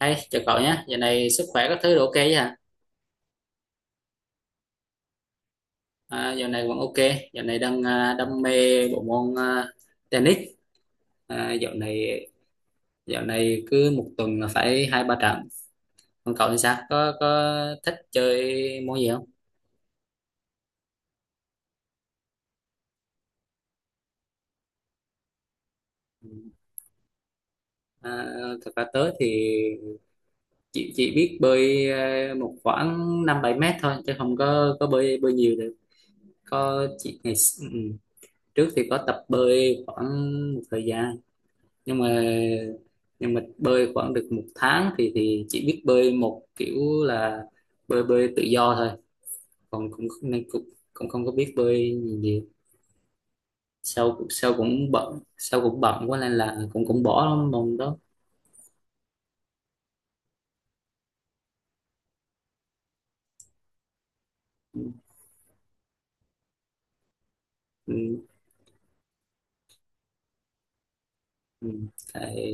Hey, chào cậu nhé, giờ này sức khỏe các thứ đều ok chứ hả? À, giờ này vẫn ok, giờ này đang đam mê bộ môn tennis. À, dạo này cứ một tuần là phải hai ba trận. Còn cậu thì sao? Có thích chơi môn gì không? À, thật ra tớ thì chỉ biết bơi một khoảng năm bảy mét thôi, chứ không có bơi bơi nhiều được. Có chỉ ngày s- ừ, Trước thì có tập bơi khoảng một thời gian nhưng mà nhưng mà bơi khoảng được một tháng thì chỉ biết bơi một kiểu là bơi bơi tự do thôi còn cũng nên cũng cũng không có biết bơi gì. Sau sau cũng bận quá nên là cũng cũng bỏ môn đó, ừ, ừ. Ừ. tại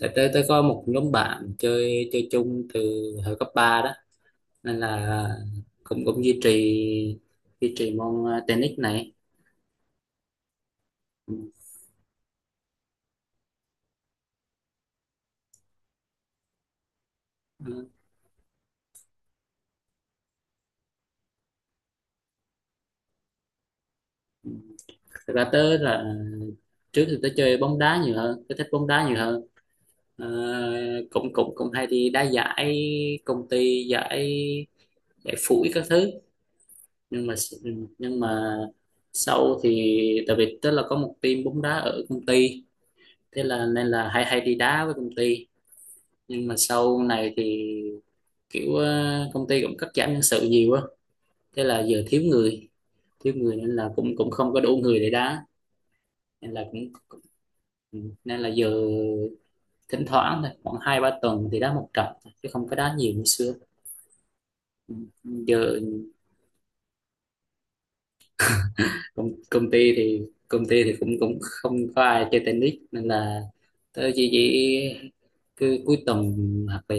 tại tới tới có một nhóm bạn chơi chơi chung từ hồi cấp 3 đó nên là cũng cũng duy trì môn tennis này. Ừ. Ừ. Thật ra tớ là trước thì tớ chơi bóng đá nhiều hơn, tớ thích bóng đá nhiều hơn. Ờ, cũng cũng cũng hay đi đá giải công ty, giải giải phủi các thứ, nhưng mà sau thì tại vì tớ là có một team bóng đá ở công ty, thế là nên là hay hay đi đá với công ty. Nhưng mà sau này thì kiểu công ty cũng cắt giảm nhân sự nhiều á, thế là giờ thiếu người, thiếu người nên là cũng cũng không có đủ người để đá, nên là cũng nên là giờ thỉnh thoảng thôi, khoảng hai ba tuần thì đá một trận thôi, chứ không có đá nhiều như xưa. Ừ, giờ công, công ty thì công ty thì cũng cũng không có ai chơi tennis nên là tớ chỉ cứ cuối tuần hoặc là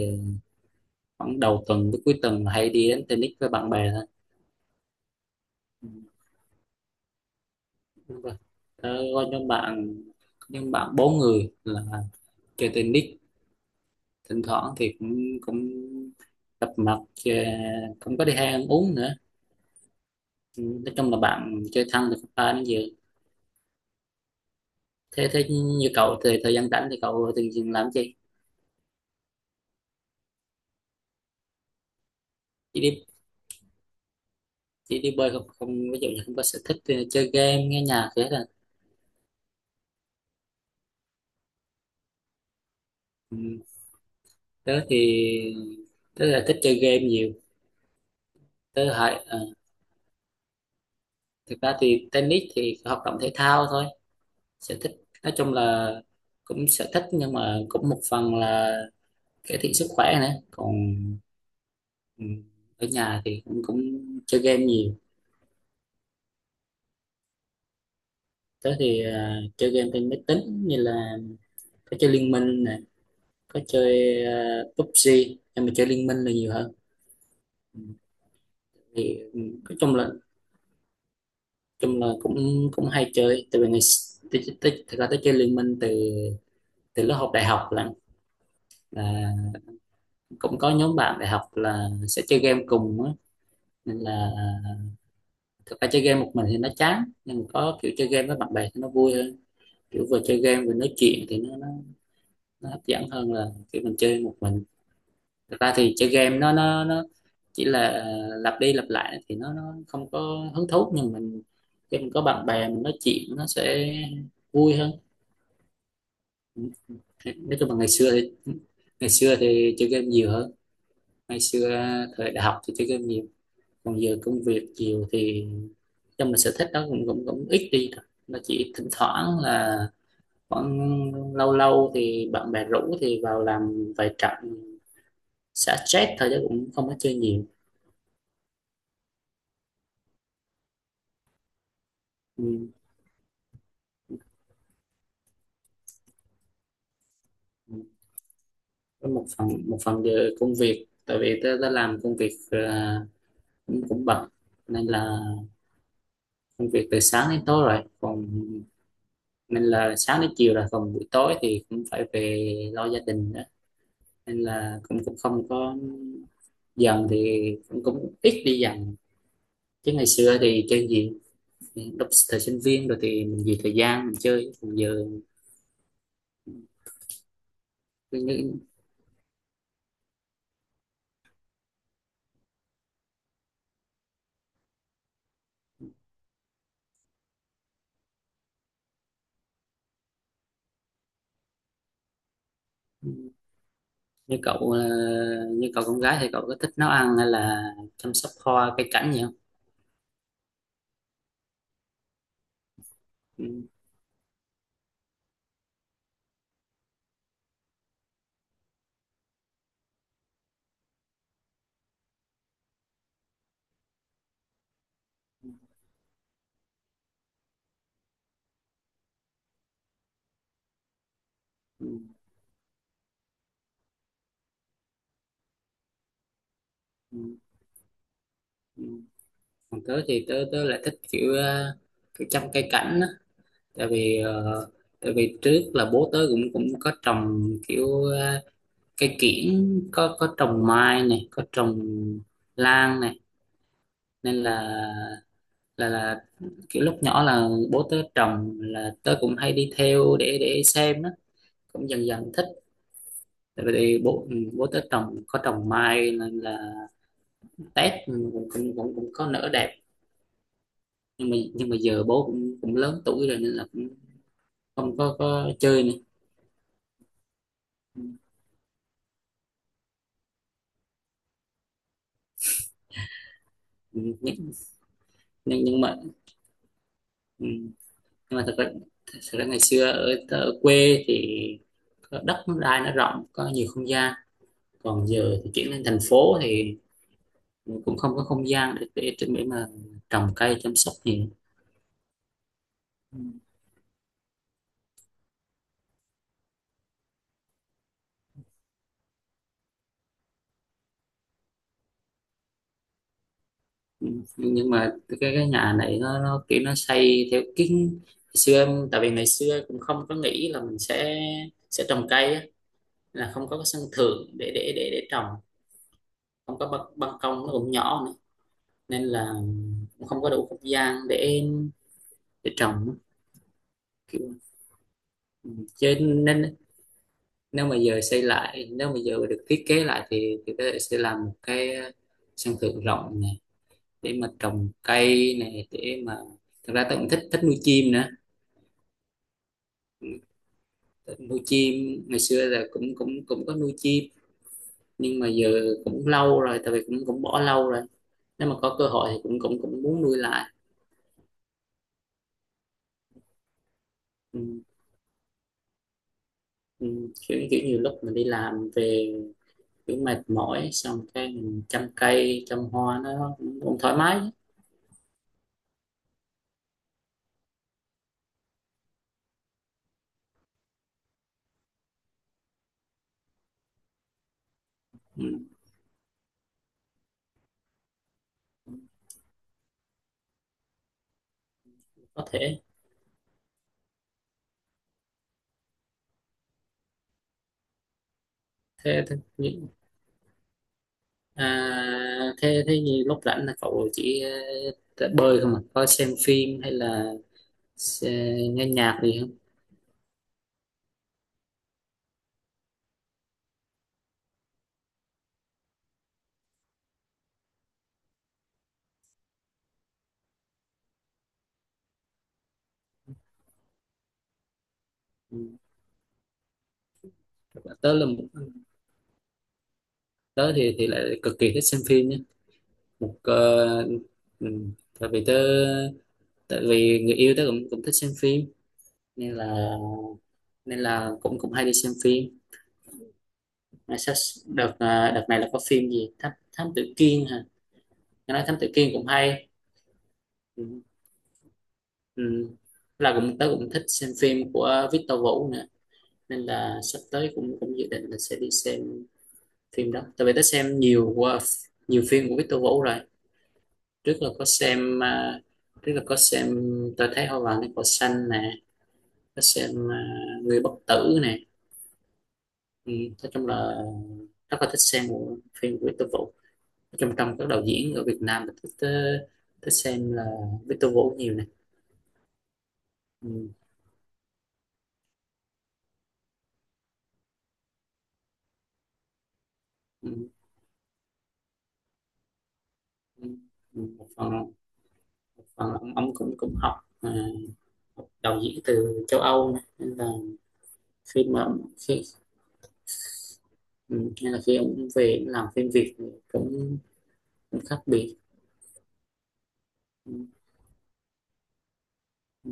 khoảng đầu tuần tới cuối tuần hay đi đến tennis với bạn bè thôi. Ừ, đúng rồi. Tớ có nhóm bạn, nhóm bạn bốn người là chơi tennis, thỉnh thoảng thì cũng cũng gặp mặt, ờ, cũng có đi hay ăn uống nữa. Ừ, nói chung là bạn chơi thân được ba đến giờ. Thế thế như cậu thì thời gian rảnh thì cậu thường thường làm gì, chỉ đi chỉ đi bơi không? Ví dụ như không có sở thích thì chơi game nghe nhạc thế là ừ. Tớ thì tớ là thích chơi game nhiều. Tớ hại thực ra thì tennis thì hoạt động thể thao thôi, sở thích nói chung là cũng sở thích nhưng mà cũng một phần là cải thiện sức khỏe nữa còn ừ, ở nhà thì cũng cũng chơi game nhiều. Tớ thì chơi game trên máy tính như là tớ chơi Liên Minh, có chơi PUBG, em mà chơi Liên Minh là nhiều hơn. Ừ. Thì nói chung là cũng cũng hay chơi tại vì ngày s- tới tới thực ra tới chơi Liên Minh từ từ lớp học đại học là cũng có nhóm bạn đại học là sẽ chơi game cùng á, nên là thực ra chơi game một mình thì nó chán nhưng mà có kiểu chơi game với bạn bè thì nó vui hơn, kiểu vừa chơi game vừa nói chuyện thì nó hấp dẫn hơn là kiểu mình chơi một mình. Thật ra thì chơi game nó chỉ là lặp đi lặp lại thì nó không có hứng thú, nhưng mình khi mình có bạn bè mình nói chuyện nó sẽ vui hơn. Nói chung là ngày xưa thì chơi game nhiều hơn, ngày xưa thời đại học thì chơi game nhiều, còn giờ công việc nhiều thì trong mình sở thích đó cũng cũng cũng ít đi rồi, nó chỉ thỉnh thoảng là khoảng lâu lâu thì bạn bè rủ thì vào làm vài trận xả stress thôi chứ cũng không có chơi nhiều. Ừ. Có một phần về công việc, tại vì tớ đã làm công việc cũng cũng bận nên là công việc từ sáng đến tối rồi còn, nên là sáng đến chiều rồi còn buổi tối thì cũng phải về lo gia đình đó, nên là cũng cũng không có, dần thì cũng cũng ít đi dần, chứ ngày xưa thì chơi gì lúc thời sinh viên rồi thì mình vì thời gian mình chơi, còn giờ như, như cậu như cậu con gái thì cậu có thích nấu ăn hay là chăm sóc hoa cây cảnh gì không? Ừ. Ừ. Ừ, ừ. Còn tớ thì tớ tớ lại thích kiểu kiểu chăm cây cảnh á, tại vì tại vì trước là bố tớ cũng cũng có trồng kiểu cây kiểng, có trồng mai này, có trồng lan này, nên là là là kiểu lúc nhỏ là bố tớ trồng là tớ cũng hay đi theo để xem á, cũng dần dần thích. Tại vì bố bố tớ trồng có trồng mai nên là Tết cũng có nở đẹp, nhưng mà giờ bố cũng cũng lớn tuổi rồi nên là cũng không có chơi nữa. Ừ, nhưng nhưng mà ừ, nhưng mà thật ra, thật ra ngày xưa ở, ở quê thì có đất nó đai nó rộng, có nhiều không gian, còn giờ thì chuyển lên thành phố thì cũng không có không gian để mà trồng cây chăm sóc gì. Ừ, nhưng mà cái nhà này nó kiểu nó xây theo kiến ngày xưa tại vì ngày xưa cũng không có nghĩ là mình sẽ trồng cây á, là không có cái sân thượng để trồng, không có ban công nó cũng nhỏ nữa, nên là cũng không có đủ không gian để trồng kiểu ừ. Nên nếu mà giờ xây lại, nếu mà giờ được thiết kế lại thì có thể sẽ làm một cái sân thượng rộng này để mà trồng cây này để mà thật ra tôi cũng thích thích nuôi chim nữa. Ừ, thích nuôi chim, ngày xưa là cũng cũng cũng có nuôi chim, nhưng mà giờ cũng lâu rồi, tại vì cũng cũng bỏ lâu rồi, nếu mà có cơ hội thì cũng cũng cũng muốn nuôi lại. Ừ. Ừ, kiểu kiểu nhiều lúc mình đi làm về kiểu mệt mỏi xong cái mình chăm cây chăm hoa nó cũng cũng thoải mái, ừ, có thể thế thế nhị- à, thế thế như lúc rảnh là cậu chỉ bơi không à, có xem phim hay là nghe nhạc gì không? Ừ. Tớ là tớ thì lại cực kỳ thích xem phim nhé, một ờ, ừ, tại vì tớ, tại vì người yêu tớ cũng cũng thích xem phim nên là nên là cũng cũng hay đi xem phim. Nói sách đợt đợt này là có phim gì thám thám tử Kiên hả? Nghe nói thám tử Kiên cũng hay. Ừ. Ừ. Là cũng tớ cũng thích xem phim của Victor Vũ nữa, nên là sắp tới cũng cũng dự định là sẽ đi xem phim đó tại vì tớ xem nhiều qua nhiều phim của Victor Vũ rồi. Trước là có xem trước là có xem tôi thấy hoa vàng trên cỏ xanh nè, có xem người bất tử nè. Ừ. Nói chung là rất là thích xem bộ phim của Victor Vũ, trong trong các đạo diễn ở Việt Nam mình thích thích xem là Victor Vũ nhiều này. Ừ, ừ, ừ. Một phần một phần là ông cũng cũng học ờ, học đạo diễn từ châu Âu này. Nên là khi mà khi ừ, nên là khi ông về ông làm phim Việt thì cũng, cũng khác biệt. Ừ, ừ,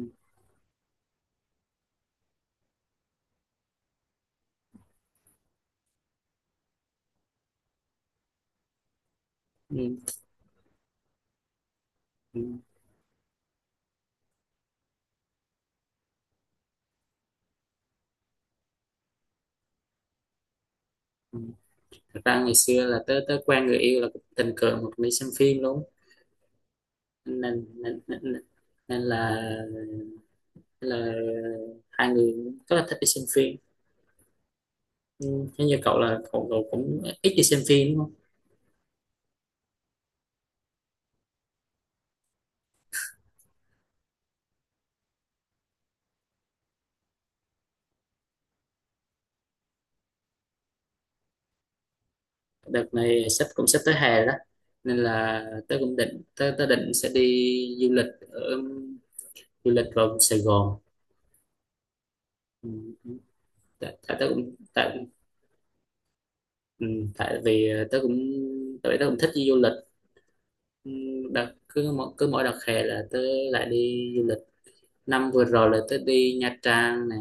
ừ, ừ, ừ. Thật ra ngày xưa là tới tới quen người yêu là cũng tình cờ một đi xem phim đúng không? nên nên, nên, nên là nên là hai người rất là thích đi xem phim. Ừ, thế như cậu là cậu cũng ít đi xem phim đúng không? Đợt này sắp sắp tới hè đó, nên là tớ cũng định tớ định sẽ đi du lịch ở, du lịch vào Sài Gòn. Ừ, Tại, tại tớ cũng tại ừ, tại vì tớ cũng tại vì tớ cũng thích đi du lịch. Ừ, đợt cứ mỗi đợt hè là tớ lại đi du lịch. Năm vừa rồi là tớ đi Nha Trang nè,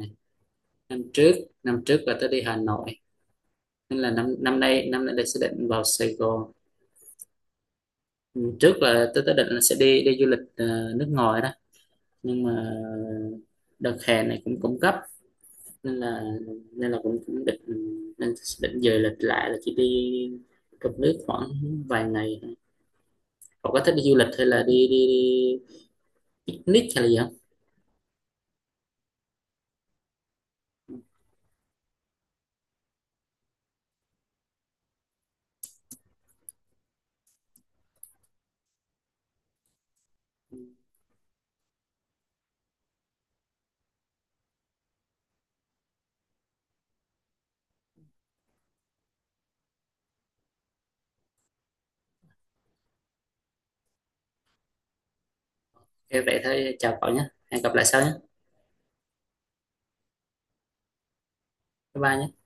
năm trước năm trước là tớ đi Hà Nội, nên là năm năm nay, năm nay là sẽ định vào Sài Gòn. Ừ, trước là tôi định là sẽ đi đi du lịch nước ngoài đó, nhưng mà đợt hè này cũng cũng gấp, nên là nên là cũng cũng định nên định dời lịch lại là chỉ đi trong nước khoảng vài ngày. Cậu có thích đi du lịch hay là đi đi, đi picnic hay là gì không? Ok, vậy thôi chào cậu nhé, hẹn gặp lại sau nhé, bye bye nhé.